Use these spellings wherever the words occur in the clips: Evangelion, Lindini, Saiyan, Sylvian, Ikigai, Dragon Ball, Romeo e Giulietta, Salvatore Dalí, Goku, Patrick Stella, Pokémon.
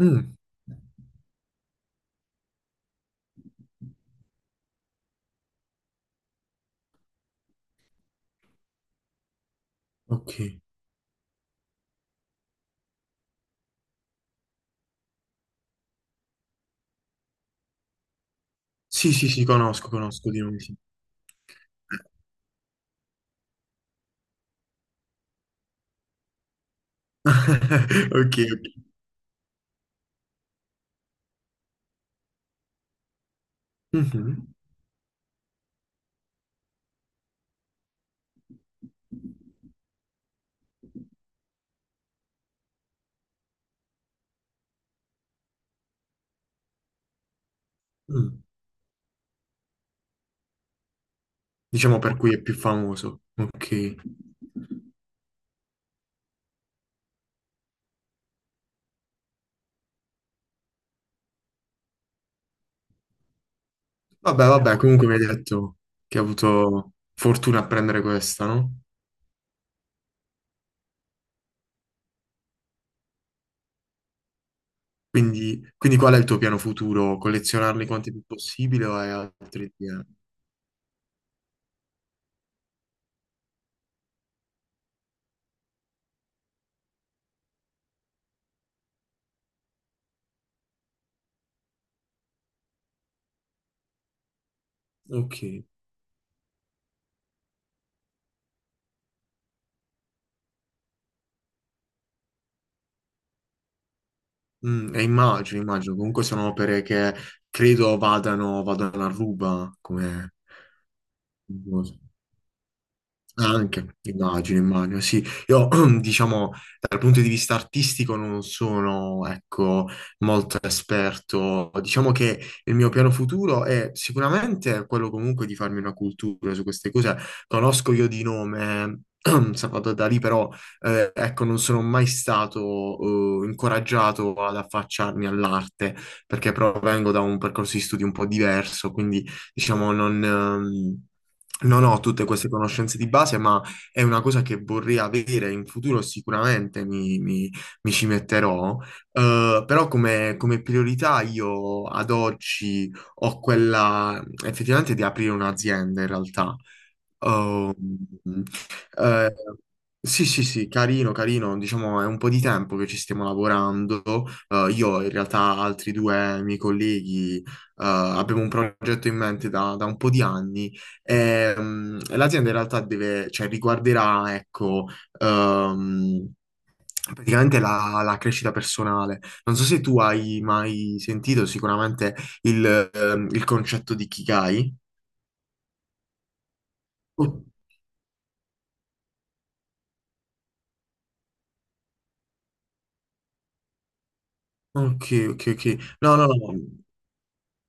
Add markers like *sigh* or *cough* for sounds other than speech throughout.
Mm, ok. Sì, sì, sì, conosco, conosco di nome, sì. *laughs* Ok, ok. Mhm, mm. Diciamo per cui è più famoso. Ok. Vabbè, vabbè, comunque mi hai detto che hai avuto fortuna a prendere questa, no? Quindi qual è il tuo piano futuro? Collezionarli quanti più possibile o hai altri piani? Ok. Mm, e immagino, immagino. Comunque sono opere che credo vadano, vadano a ruba come. Anche, immagino, immagino, sì. Io, *clears throat* diciamo, dal punto di vista artistico non sono, ecco, molto esperto. Diciamo che il mio piano futuro è sicuramente quello comunque di farmi una cultura su queste cose. Conosco io di nome *clears throat* Salvatore Dalì, però, ecco, non sono mai stato, incoraggiato ad affacciarmi all'arte, perché provengo da un percorso di studi un po' diverso, quindi, diciamo, non ho tutte queste conoscenze di base, ma è una cosa che vorrei avere in futuro. Sicuramente mi ci metterò. Però come priorità io ad oggi ho quella effettivamente di aprire un'azienda in realtà. Oh, mm, eh, sì, sì, sì, carino, carino. Diciamo, è un po' di tempo che ci stiamo lavorando. Io, in realtà, altri due miei colleghi, abbiamo un progetto in mente da un po' di anni. E, l'azienda, in realtà, deve, cioè, riguarderà, ecco, ehm, praticamente la crescita personale. Non so se tu hai mai sentito sicuramente il concetto di Kikai. Ok, ok, ok. No, no, no, no.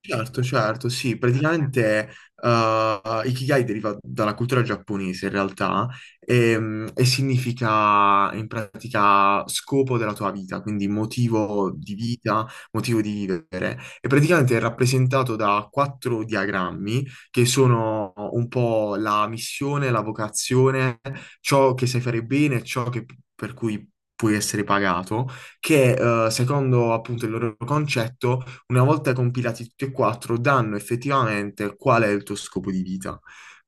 Certo, certo, sì, praticamente Ikigai deriva dalla cultura giapponese in realtà, e, significa in pratica scopo della tua vita, quindi motivo di vita, motivo di vivere. E praticamente è rappresentato da quattro diagrammi che sono un po' la missione, la vocazione, ciò che sai fare bene, per cui puoi essere pagato, che, secondo appunto il loro concetto, una volta compilati tutti e quattro, danno effettivamente qual è il tuo scopo di vita.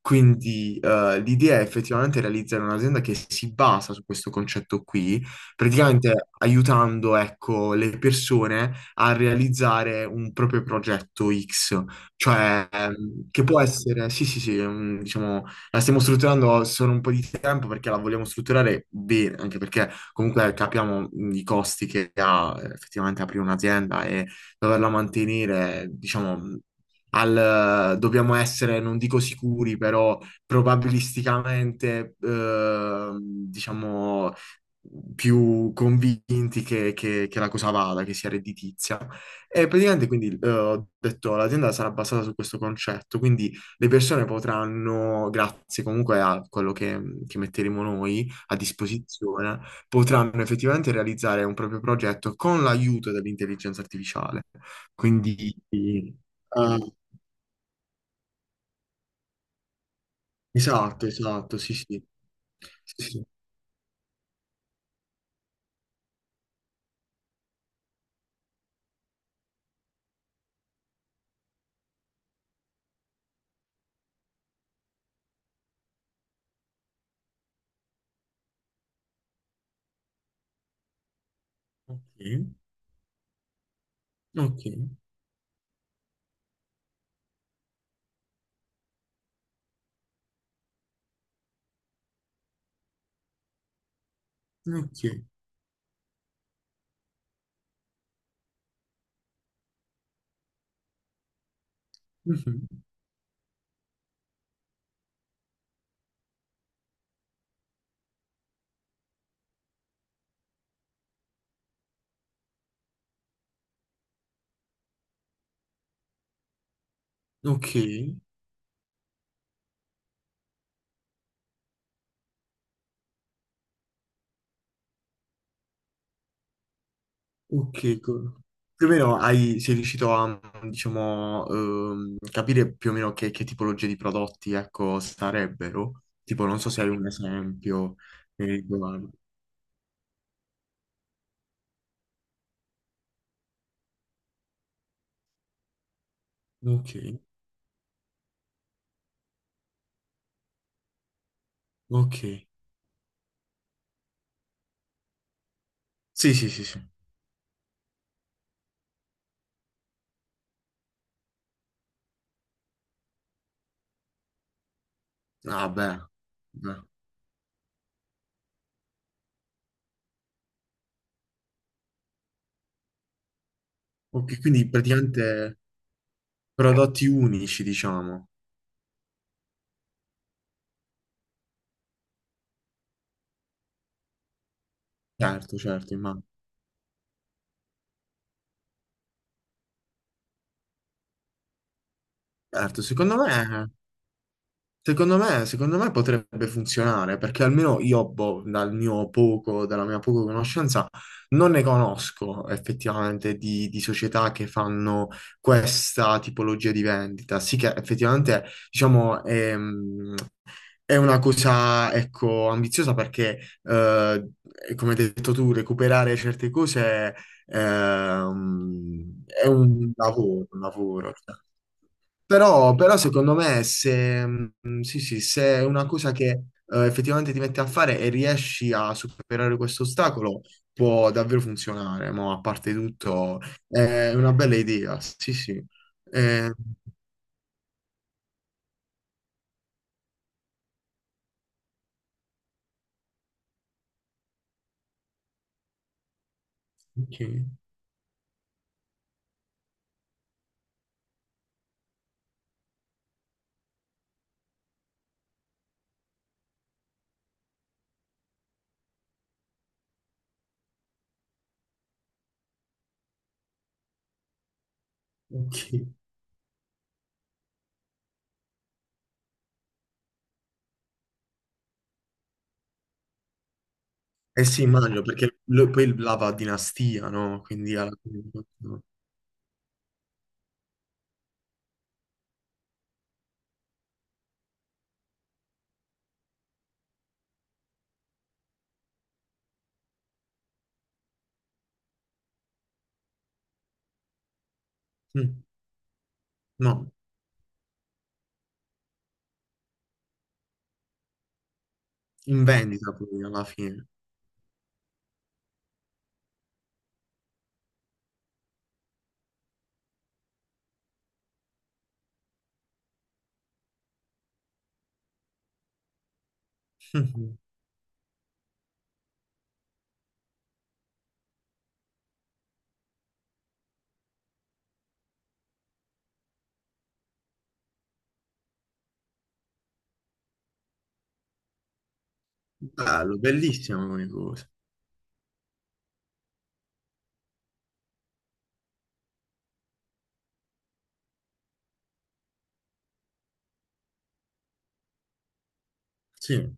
Quindi, l'idea è effettivamente realizzare un'azienda che si basa su questo concetto qui, praticamente aiutando, ecco, le persone a realizzare un proprio progetto X, cioè, che può essere, sì, sì, sì, diciamo, la stiamo strutturando solo un po' di tempo perché la vogliamo strutturare bene, anche perché comunque capiamo, i costi che ha, effettivamente aprire un'azienda e doverla mantenere. Diciamo, dobbiamo essere, non dico sicuri, però probabilisticamente, diciamo, più convinti che la cosa vada, che sia redditizia. E praticamente quindi, ho detto l'azienda sarà basata su questo concetto, quindi le persone potranno, grazie comunque a quello che metteremo noi a disposizione, potranno effettivamente realizzare un proprio progetto con l'aiuto dell'intelligenza artificiale. Quindi, esatto, esatto, sì, sì. Sì, sì. Ok, ok, ok, mhm, ok, ok. Più o meno hai, sei riuscito a, diciamo, capire più o meno che tipologie di prodotti, ecco, sarebbero? Tipo, non so se hai un esempio, riguardo. Ok, ok. Sì, sì, sì, sì. Ah, beh, beh. Ok, quindi praticamente prodotti unici, diciamo. Certo, certo, immagino. Certo, Secondo me, potrebbe funzionare perché almeno io, boh, dalla mia poca conoscenza, non ne conosco effettivamente di società che fanno questa tipologia di vendita. Sì che effettivamente, diciamo, è una cosa, ecco, ambiziosa perché, eh, come hai detto tu, recuperare certe cose, è un lavoro, un lavoro. Cioè. Però secondo me, se, sì, sì, se è una cosa che, effettivamente ti metti a fare e riesci a superare questo ostacolo, può davvero funzionare, ma a parte tutto è una bella idea, sì, sì. Eh, ok, ok. Eh sì, immagino, perché poi la va a dinastia, no? Quindi alla fine. Mm. No, in vendita poi alla fine. *laughs* Mm. Bello, bellissima come cosa. Sì,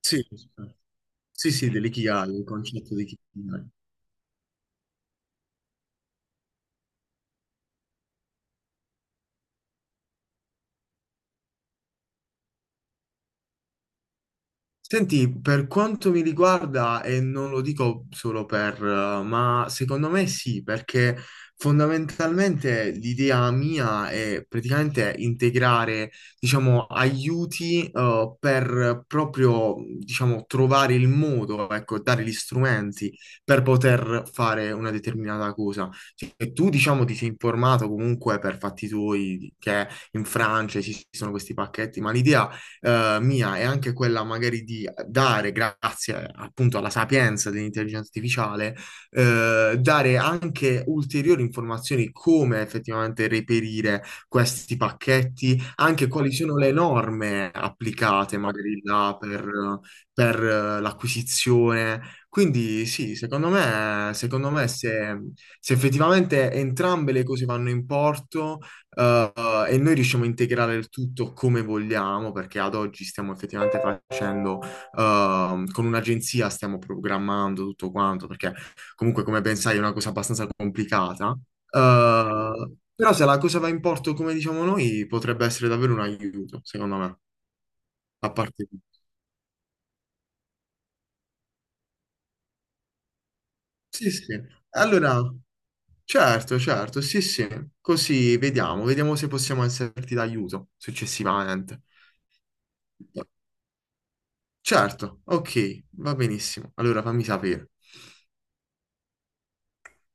sì. sì. Sì, sì, dell'ikigai, il concetto di ikigai. Senti, per quanto mi riguarda, e non lo dico solo per, ma secondo me sì, perché fondamentalmente l'idea mia è praticamente integrare, diciamo, aiuti, per proprio, diciamo, trovare il modo, ecco, dare gli strumenti per poter fare una determinata cosa. Cioè, tu, diciamo, ti sei informato comunque per fatti tuoi che in Francia esistono questi pacchetti, ma l'idea, mia è anche quella magari di dare, grazie appunto alla sapienza dell'intelligenza artificiale, dare anche ulteriori informazioni come effettivamente reperire questi pacchetti, anche quali sono le norme applicate magari là per, l'acquisizione. Quindi sì, secondo me, se se effettivamente entrambe le cose vanno in porto, e noi riusciamo a integrare il tutto come vogliamo, perché ad oggi stiamo effettivamente facendo, con un'agenzia stiamo programmando tutto quanto, perché comunque, come ben sai, è una cosa abbastanza complicata. Però se la cosa va in porto come diciamo noi, potrebbe essere davvero un aiuto, secondo me, a parte tutto. Sì, sì. Allora, certo, certo, sì, sì. Così vediamo, vediamo se possiamo esserti d'aiuto successivamente. Certo, ok, va benissimo. Allora fammi sapere.